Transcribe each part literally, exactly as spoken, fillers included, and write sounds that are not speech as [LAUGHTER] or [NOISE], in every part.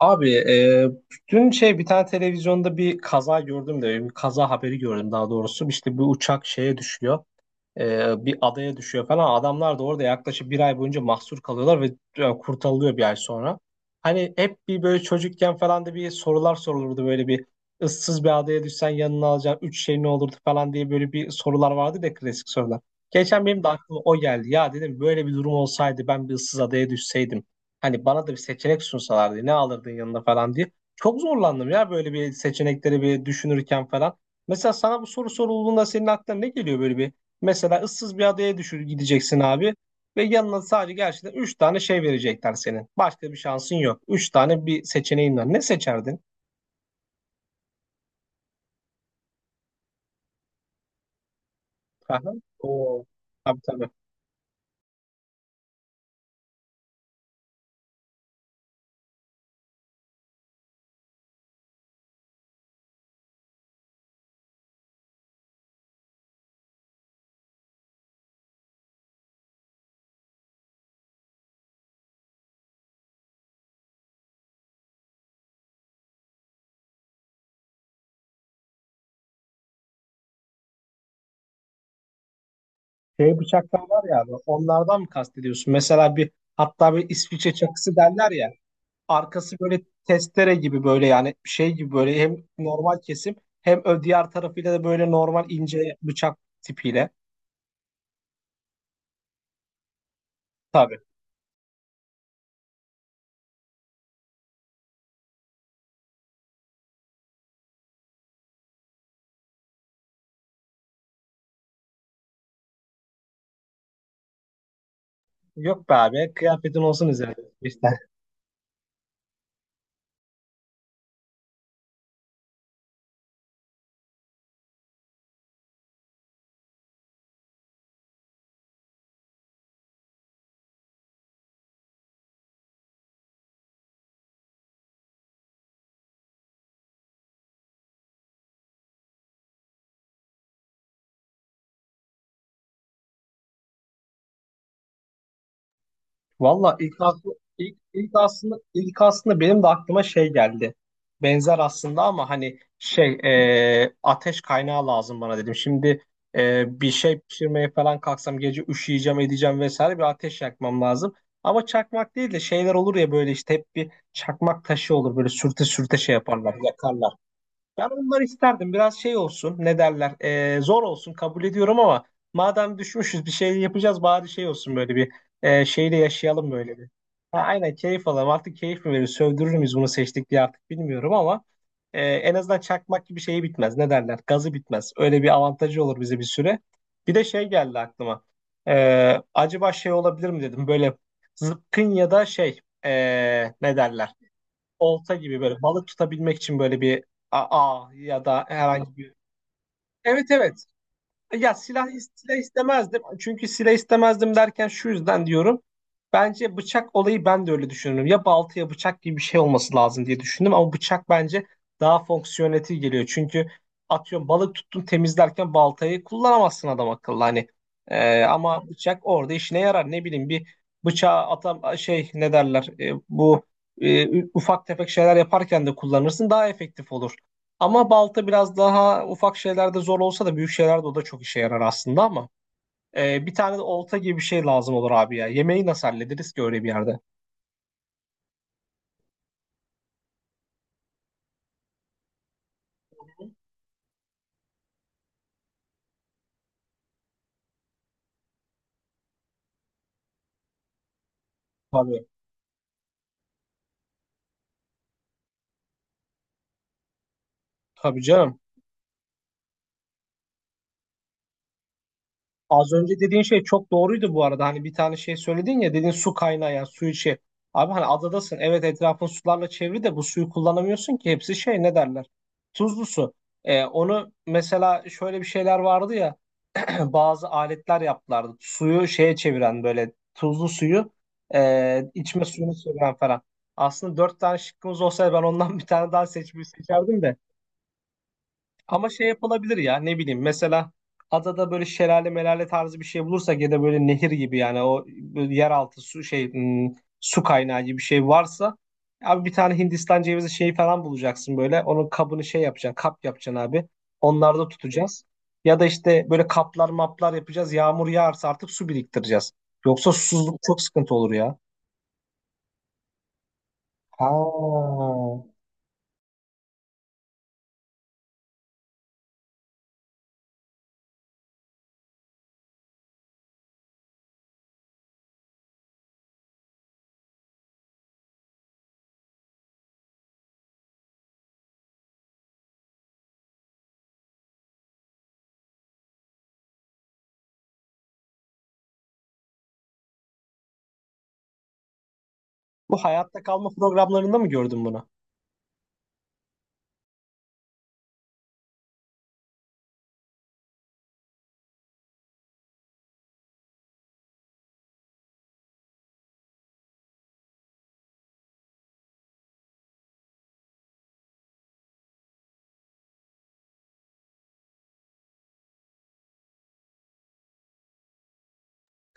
Abi, e, dün şey bir tane televizyonda bir kaza gördüm de bir kaza haberi gördüm daha doğrusu. İşte bu uçak şeye düşüyor. Ee, bir adaya düşüyor falan. Adamlar da orada yaklaşık bir ay boyunca mahsur kalıyorlar ve e, kurtarılıyor bir ay sonra. Hani hep bir böyle çocukken falan da bir sorular sorulurdu, böyle bir ıssız bir adaya düşsen yanına alacağın üç şey ne olurdu falan diye, böyle bir sorular vardı da, klasik sorular. Geçen benim de aklıma o geldi. Ya dedim, böyle bir durum olsaydı, ben bir ıssız adaya düşseydim. Hani bana da bir seçenek sunsalardı, ne alırdın yanına falan diye. Çok zorlandım ya böyle bir seçenekleri bir düşünürken falan. Mesela sana bu soru sorulduğunda senin aklına ne geliyor, böyle bir. Mesela ıssız bir adaya düşür gideceksin abi, ve yanına sadece gerçekten üç tane şey verecekler senin. Başka bir şansın yok. Üç tane bir seçeneğin var. Ne seçerdin? Aha. Oo. Tabii, tabii. Şey, bıçaklar var ya abi, onlardan mı kastediyorsun? Mesela bir, hatta bir İsviçre çakısı derler ya. Arkası böyle testere gibi, böyle yani şey gibi, böyle hem normal kesim hem ö- diğer tarafıyla da böyle normal ince bıçak tipiyle. Tabii. Yok be abi, kıyafetin olsun üzerinde. Valla ilk, aklı- ilk, ilk aslında ilk aslında benim de aklıma şey geldi. Benzer aslında, ama hani şey, e, ateş kaynağı lazım bana dedim. Şimdi e, bir şey pişirmeye falan kalksam, gece üşüyeceğim edeceğim vesaire, bir ateş yakmam lazım. Ama çakmak değil de, şeyler olur ya, böyle işte hep bir çakmak taşı olur, böyle sürte sürte şey yaparlar, yakarlar. Ben onları isterdim. Biraz şey olsun. Ne derler? Ee, zor olsun. Kabul ediyorum ama, madem düşmüşüz bir şey yapacağız, bari şey olsun, böyle bir, e, şeyle yaşayalım böyle bir. Ha, aynen, keyif alalım. Artık keyif mi verir, sövdürür müyüz bunu seçtik diye, artık bilmiyorum ama e, en azından çakmak gibi şeyi bitmez. Ne derler? Gazı bitmez. Öyle bir avantajı olur bize bir süre. Bir de şey geldi aklıma. Ee, acaba şey olabilir mi dedim. Böyle zıpkın ya da şey, e, ne derler? Olta gibi, böyle balık tutabilmek için böyle bir, a, a ya da herhangi bir. Evet, evet. Ya silah, silah istemezdim. Çünkü silah istemezdim derken şu yüzden diyorum. Bence bıçak olayı, ben de öyle düşünüyorum. Ya balta ya bıçak gibi bir şey olması lazım diye düşündüm. Ama bıçak bence daha fonksiyonel geliyor. Çünkü atıyorum, balık tuttun, temizlerken baltayı kullanamazsın adam akıllı. Hani. Ee, ama bıçak orada işine yarar. Ne bileyim, bir bıçağı atam şey ne derler, e, bu e, ufak tefek şeyler yaparken de kullanırsın, daha efektif olur. Ama balta biraz daha ufak şeylerde zor olsa da, büyük şeylerde o da çok işe yarar aslında, ama e, bir tane de olta gibi bir şey lazım olur abi ya. Yemeği nasıl hallederiz ki öyle bir yerde? Tabii. Tabii canım. Az önce dediğin şey çok doğruydu bu arada. Hani bir tane şey söyledin ya, dedin su kaynağı, yani su içi. Abi hani adadasın. Evet, etrafın sularla çevri de bu suyu kullanamıyorsun ki. Hepsi şey ne derler? Tuzlu su. E, onu mesela şöyle bir şeyler vardı ya. [CLEARS THROAT] Bazı aletler yaptılardı. Suyu şeye çeviren, böyle tuzlu suyu e, içme suyunu çeviren falan. Aslında dört tane şıkkımız olsaydı, ben ondan bir tane daha seçmeyi seçerdim de, ama şey yapılabilir ya, ne bileyim, mesela adada böyle şelale melale tarzı bir şey bulursak, ya da böyle nehir gibi, yani o böyle yeraltı su şey, hmm, su kaynağı gibi bir şey varsa, abi bir tane Hindistan cevizi şeyi falan bulacaksın, böyle onun kabını şey yapacaksın, kap yapacaksın abi, onlarda tutacağız, ya da işte böyle kaplar maplar yapacağız, yağmur yağarsa artık su biriktireceğiz, yoksa susuzluk çok sıkıntı olur ya. Ha. Bu hayatta kalma programlarında mı gördün bunu?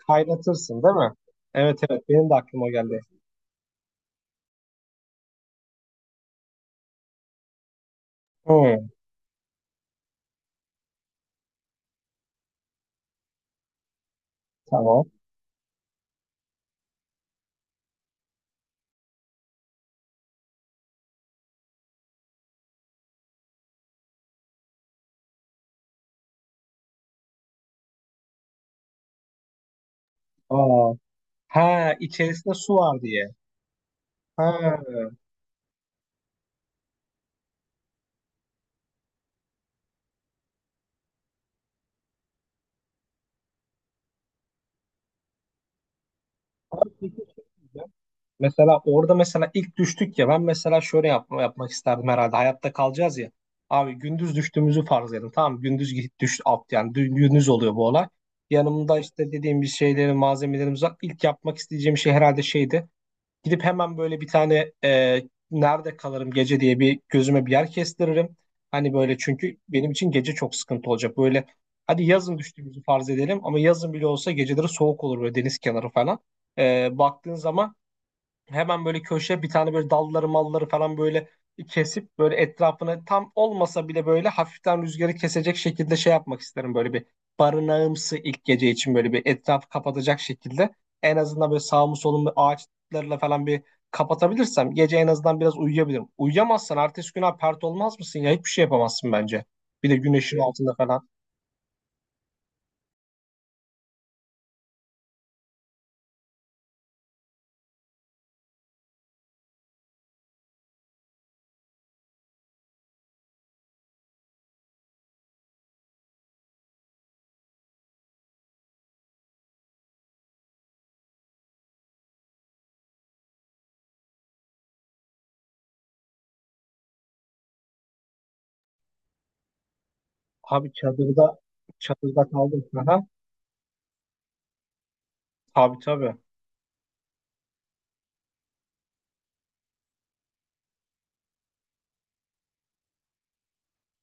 Kaynatırsın değil mi? Evet, evet, benim de aklıma geldi. Hı, tamam. Aa, ha, içerisinde su var diye. Ha. Abi peki şey diyeceğim. Mesela orada, mesela ilk düştük ya, ben mesela şöyle yap yapmak isterdim herhalde, hayatta kalacağız ya. Abi gündüz düştüğümüzü farz edin, tamam, gündüz git düş at, yani dü- gündüz oluyor bu olay. Yanımda işte dediğim bir şeyleri, malzemelerimiz var. İlk yapmak isteyeceğim şey herhalde şeydi. Gidip hemen böyle bir tane e, nerede kalırım gece diye, bir gözüme bir yer kestiririm. Hani böyle, çünkü benim için gece çok sıkıntı olacak. Böyle, hadi yazın düştüğümüzü farz edelim, ama yazın bile olsa geceleri soğuk olur böyle, deniz kenarı falan. E, baktığın zaman, hemen böyle köşe bir tane, böyle dalları malları falan böyle kesip, böyle etrafını tam olmasa bile, böyle hafiften rüzgarı kesecek şekilde şey yapmak isterim, böyle bir barınağımsı, ilk gece için, böyle bir etrafı kapatacak şekilde, en azından böyle sağımı solumu ağaçlarla falan bir kapatabilirsem, gece en azından biraz uyuyabilirim. Uyuyamazsan ertesi gün abi pert olmaz mısın ya, hiçbir şey yapamazsın bence. Bir de güneşin altında falan. Abi çadırda, çadırda kaldım. Aha. Tabii, tabii.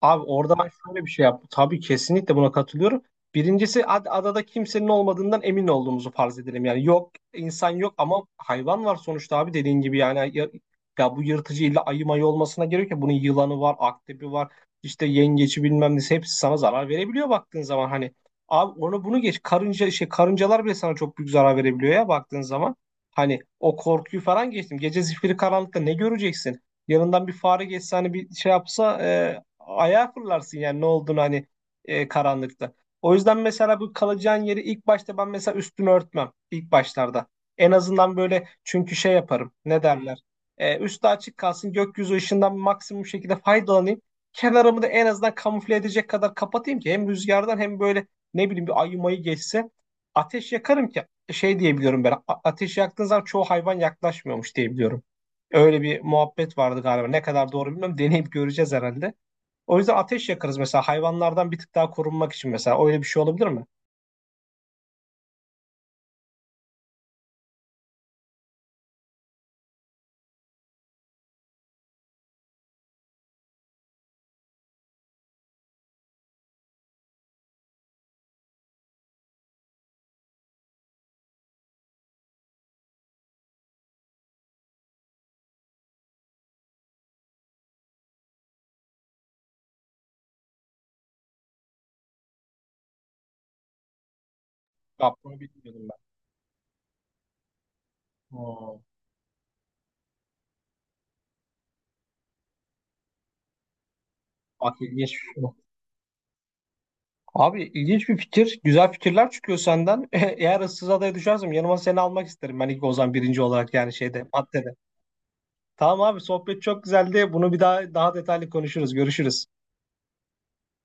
Abi orada ben şöyle bir şey yaptım. Tabii kesinlikle buna katılıyorum. Birincisi ad- adada kimsenin olmadığından emin olduğumuzu farz edelim. Yani yok, insan yok ama hayvan var sonuçta abi, dediğin gibi yani ya, ya bu yırtıcı, illa ayı mayı olmasına gerek yok. Bunun yılanı var, akrebi var, işte yengeci, bilmem nesi, hepsi sana zarar verebiliyor baktığın zaman hani. Abi onu bunu geç, karınca şey, karıncalar bile sana çok büyük zarar verebiliyor ya baktığın zaman. Hani o korkuyu falan geçtim. Gece zifiri karanlıkta ne göreceksin? Yanından bir fare geçse, hani bir şey yapsa, e, ayağa fırlarsın, yani ne olduğunu hani, e, karanlıkta. O yüzden mesela bu kalacağın yeri ilk başta, ben mesela üstünü örtmem ilk başlarda. En azından böyle, çünkü şey yaparım, ne derler. E, üstü açık kalsın, gökyüzü ışığından maksimum şekilde faydalanayım. Kenarımı da en azından kamufle edecek kadar kapatayım ki, hem rüzgardan hem böyle, ne bileyim, bir ayı mayı geçse. Ateş yakarım ki e, şey diyebiliyorum ben. a- Ateş yaktığın zaman çoğu hayvan yaklaşmıyormuş diyebiliyorum. Öyle bir muhabbet vardı galiba. Ne kadar doğru bilmiyorum. [LAUGHS] Deneyip göreceğiz herhalde. O yüzden ateş yakarız mesela, hayvanlardan bir tık daha korunmak için mesela. Öyle bir şey olabilir mi? Ya bunu bilmiyordum ben. Oo, bak ilginç. Abi ilginç bir fikir. Güzel fikirler çıkıyor senden. [LAUGHS] Eğer ıssız adaya düşersem, yanıma seni almak isterim. Ben ilk o, birinci olarak, yani şeyde, maddede. Tamam abi, sohbet çok güzeldi. Bunu bir daha, daha detaylı konuşuruz. Görüşürüz.